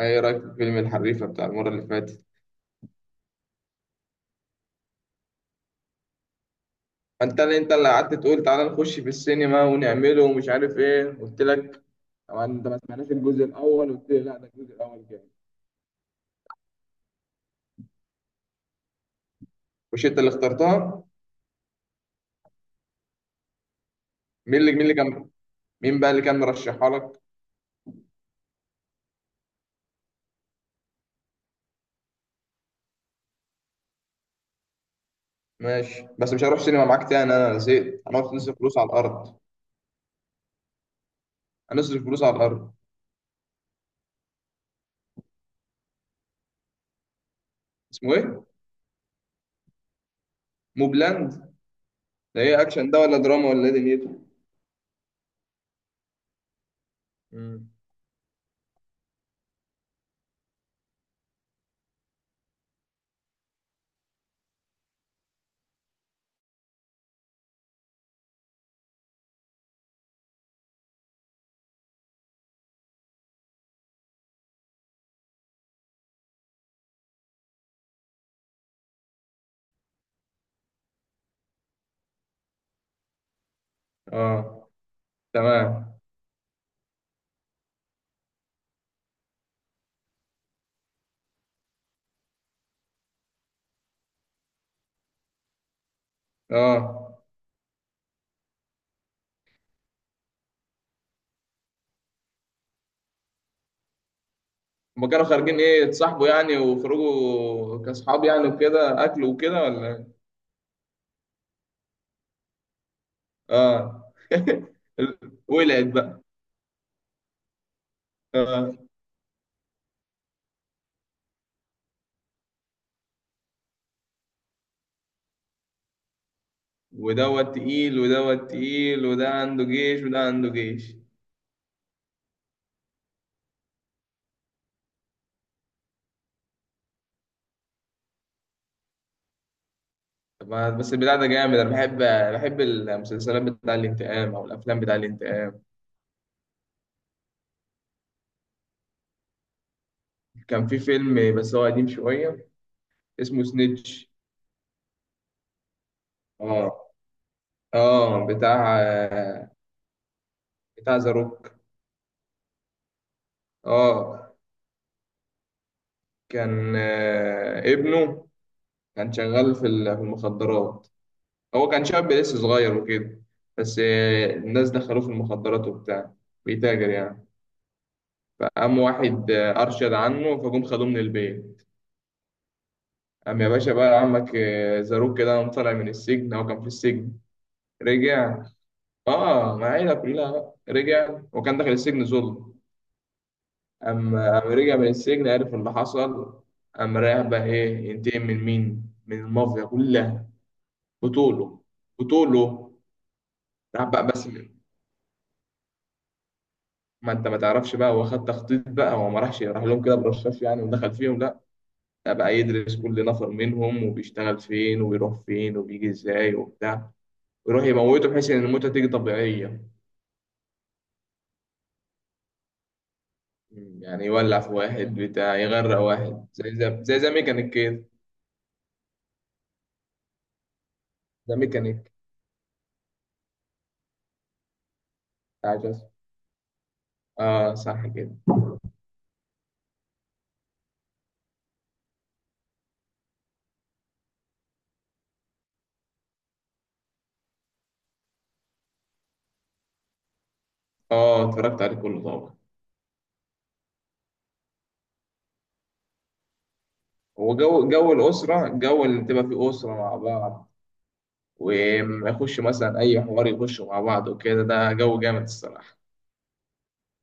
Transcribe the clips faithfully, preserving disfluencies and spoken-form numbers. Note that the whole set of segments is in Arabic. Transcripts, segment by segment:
ايه رايك في فيلم الحريفه بتاع المره اللي فاتت؟ انت اللي انت اللي قعدت تقول تعالى نخش في السينما ونعمله ومش عارف ايه، قلت لك. طبعا انت ما سمعناش الجزء الاول، قلت لي لا ده الجزء الاول جامد. مش انت اللي اخترتها؟ مين اللي مين اللي كان. مين بقى اللي كان مرشحها لك؟ ماشي، بس مش هروح سينما معاك تاني، انا زهقت. هنقعد نصرف فلوس على الارض. هنصرف فلوس على الارض. اسمه ايه؟ موبلاند. ده ايه، اكشن ده ولا دراما ولا ايه دنيته؟ مم. اه، تمام، اه. هما كانوا خارجين ايه، يتصاحبوا يعني وخرجوا كاصحاب يعني وكده اكل وكده ولا إيه؟ اه ولعت بقى. اه. ودوت تقيل، ودوت تقيل، وده عنده جيش وده عنده جيش. طب ما- بس البتاع ده جامد. انا بحب بحب المسلسلات بتاع الانتقام او الافلام بتاع الانتقام. كان في فيلم بس هو قديم شويه، اسمه سنيتش. اه. اه، بتاع بتاع ذا روك. اه. كان آه، ابنه كان شغال في ال- في المخدرات. هو كان شاب لسه صغير وكده، بس آه، الناس دخلوه في المخدرات وبتاع، بيتاجر يعني. فقام واحد آه، أرشد عنه، فجم خدوه من البيت. قام يا باشا بقى عمك آه، زاروك، كده قام طالع من السجن، هو كان في السجن. رجع. اه، مع عيلة كلها بقى. رجع وكان داخل السجن ظلم. قام قام رجع من السجن، عرف اللي حصل. قام رايح بقى ايه، ينتقم من مين؟ من المافيا كلها. بطوله بطوله. راح بقى بس ما انت ما تعرفش بقى، هو خد تخطيط بقى، هو ما راحش راح لهم كده برشاش يعني ودخل فيهم، لا. ده بقى يدرس كل نفر منهم وبيشتغل فين وبيروح فين وبيجي ازاي وبتاع، ويروح يموته بحيث ان الموتة تيجي طبيعية. مم، يعني يولع في واحد، بتاع يغرق واحد، زي، زي زي, زي ميكانيك كده. زي ميكانيك بتاع جاز. اه، صح كده. اه، اتفرجت عليه كله طبعا. هو جو جو الأسرة، جو اللي تبقى فيه أسرة مع بعض، وما يخش مثلا أي حوار، يخشوا مع بعض وكده، ده جو جامد الصراحة.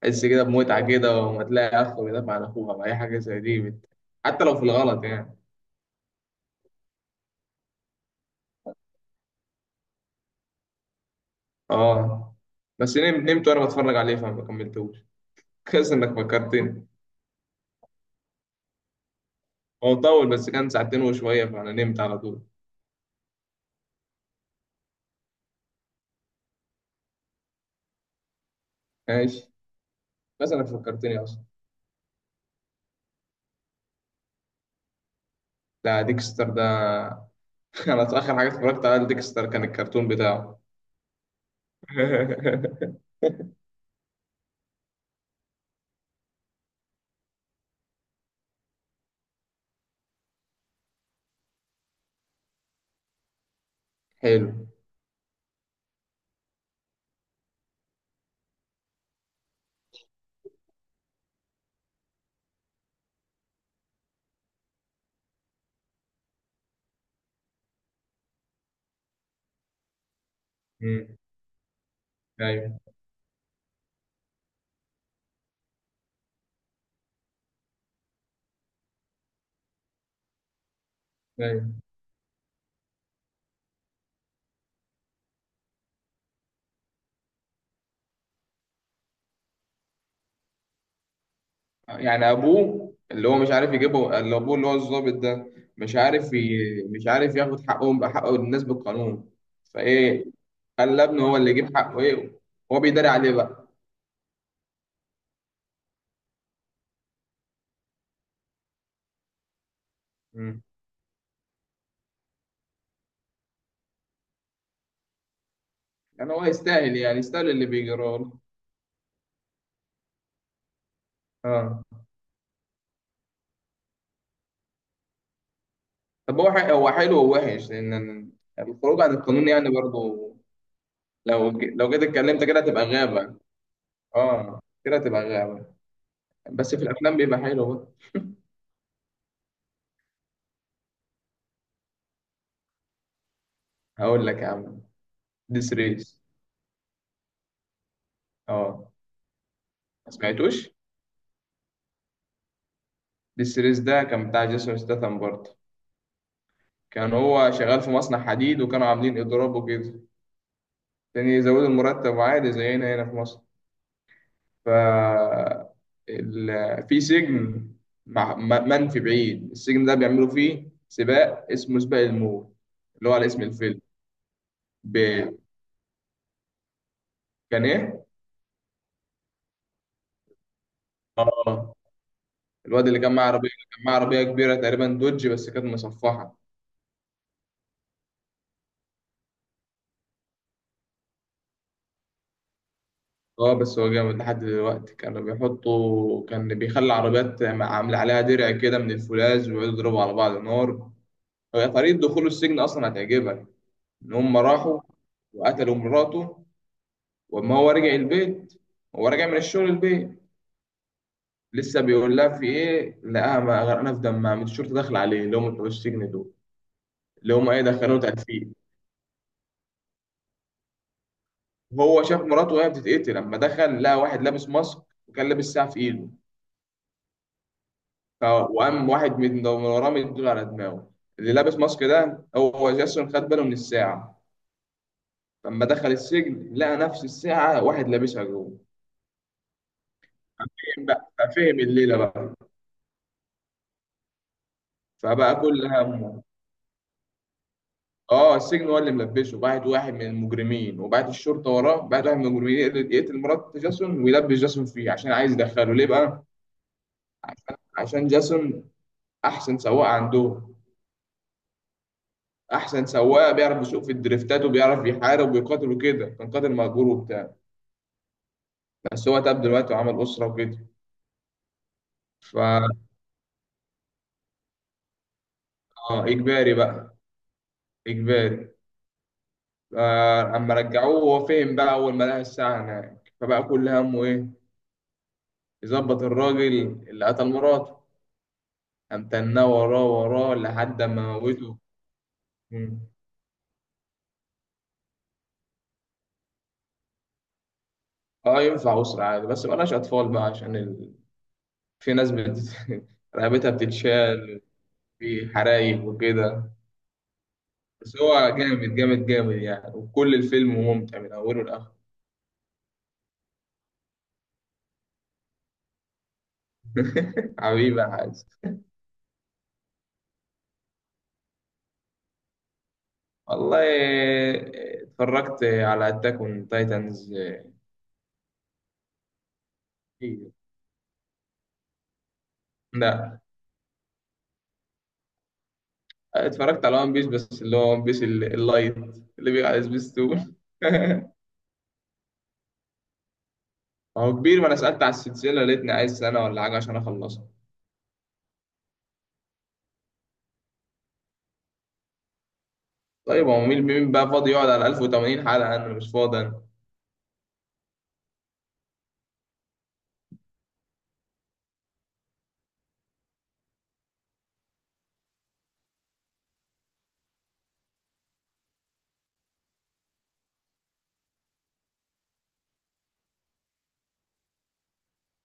تحس كده بمتعة كده، وما تلاقي أخ بيدافع عن أخوها بأي حاجة زي دي بت... حتى لو في الغلط يعني. آه. بس نمت, نمت وأنا بتفرج عليه فما كملتوش. كويس إنك فكرتني. هو طول، بس كان ساعتين وشوية فأنا نمت على طول. ماشي. بس إنك فكرتني أصلا. لا، ديكستر ده، أنا آخر حاجة اتفرجت على ديكستر كان الكرتون بتاعه. حلو. مم. أيوه. أيوه، يعني ابوه، اللي هو مش عارف يجيبه، اللي ابوه اللي هو الضابط ده مش عارف ي... مش عارف ياخد حقهم بحق الناس بالقانون، فايه، خلى ابنه هو اللي يجيب حقه، ايه. هو بيداري عليه بقى. مم. يعني هو يستاهل، يعني يستاهل اللي بيجرى له. اه. طب هو ح- هو حلو ووحش، لان الخروج عن القانون يعني برضه. لو ج- لو جيت اتكلمت كده هتبقى غابة. اه، كده هتبقى غابة. بس في الافلام بيبقى حلو بقى. هقول لك يا عم، ديس ريس. اه، ما سمعتوش؟ السيريز ده كان بتاع جيسون ستاثام برضه. كان هو شغال في مصنع حديد، وكانوا عاملين اضراب وكده عشان يزودوا المرتب، عادي زينا هنا في مصر. ف ال... في سجن مع... م- منفي بعيد، السجن ده بيعملوا فيه سباق اسمه سباق الموت، اللي هو على اسم الفيلم. ب... كان ايه؟ اه، الواد اللي كان معاه عربيه كان معاه عربيه كبيره تقريبا دوج بس كانت مصفحه. اه، بس هو جامد لحد دلوقتي. كانوا بيحطوا، كان بيخلي عربيات عامل عليها درع كده من الفولاذ، ويقعدوا يضربوا على بعض نار. هي طريقة دخوله السجن أصلا هتعجبك. إن هم راحوا وقتلوا مراته، وأما هو رجع البيت، هو راجع من الشغل البيت لسه بيقول لها في إيه، لقاها ما- غرقانة في دمها، من الشرطة داخلة عليه اللي هم بتوع السجن دول، اللي هم إيه، دخلوه تدفين. هو شاف مراته وهي بتتقتل، لما دخل لقى واحد لابس ماسك وكان لابس ساعة في إيده. اه، وقام واحد من ده من وراه مديله على دماغه. اللي لابس ماسك ده هو، جاسون خد باله من الساعة. لما دخل السجن لقى نفس الساعة واحد لابسها جوه. فهم بقى ففهم الليلة بقى، فبقى كل همه. اه، السجن هو اللي ملبسه، بعت واحد من المجرمين وبعت الشرطة وراه، بعت واحد من المجرمين يقتل يقتل مرات جاسون ويلبس جاسون فيه. عشان عايز يدخله ليه بقى؟ عشان جاسون أحسن سواق عندهم. أحسن سواق بيعرف يسوق في الدريفتات وبيعرف يحارب ويقاتل وكده، كان قاتل مأجور وبتاع. بس هو تاب دلوقتي وعمل أسرة وكده. فا آه، إجباري بقى، إجباري. آه، أما رجعوه هو فهم بقى أول ما لقى الساعة هناك، فبقى كل همه إيه، يظبط الراجل اللي قتل مراته. قام تناه وراه وراه لحد ما موته. مم. اه، ينفع أسرة عادي بس مبقاش أطفال بقى عشان ال... في ناس بت... رقبتها بتتشال، في حرايق وكده. بس هو جامد جامد جامد يعني، وكل الفيلم ممتع من أوله لآخره. حبيبي يا حاج. والله، اتفرجت على اتاك اون تايتنز. ايوه. لا. اتفرجت على ون بيس، بس اللي هو ون بيس ال- اللايت اللي بيبقى على سبيستون. هو كبير، ما انا سالت على السلسله لقيتني عايز سنه ولا حاجه عشان اخلصها. طيب، هو مين مين بقى فاضي يقعد على ألف وثمانين حلقه؟ انا مش فاضي أنا.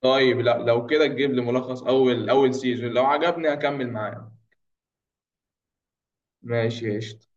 طيب لا، لو كده تجيب لي ملخص اول اول سيزون، لو عجبني هكمل معاه. ماشي يا قشطة.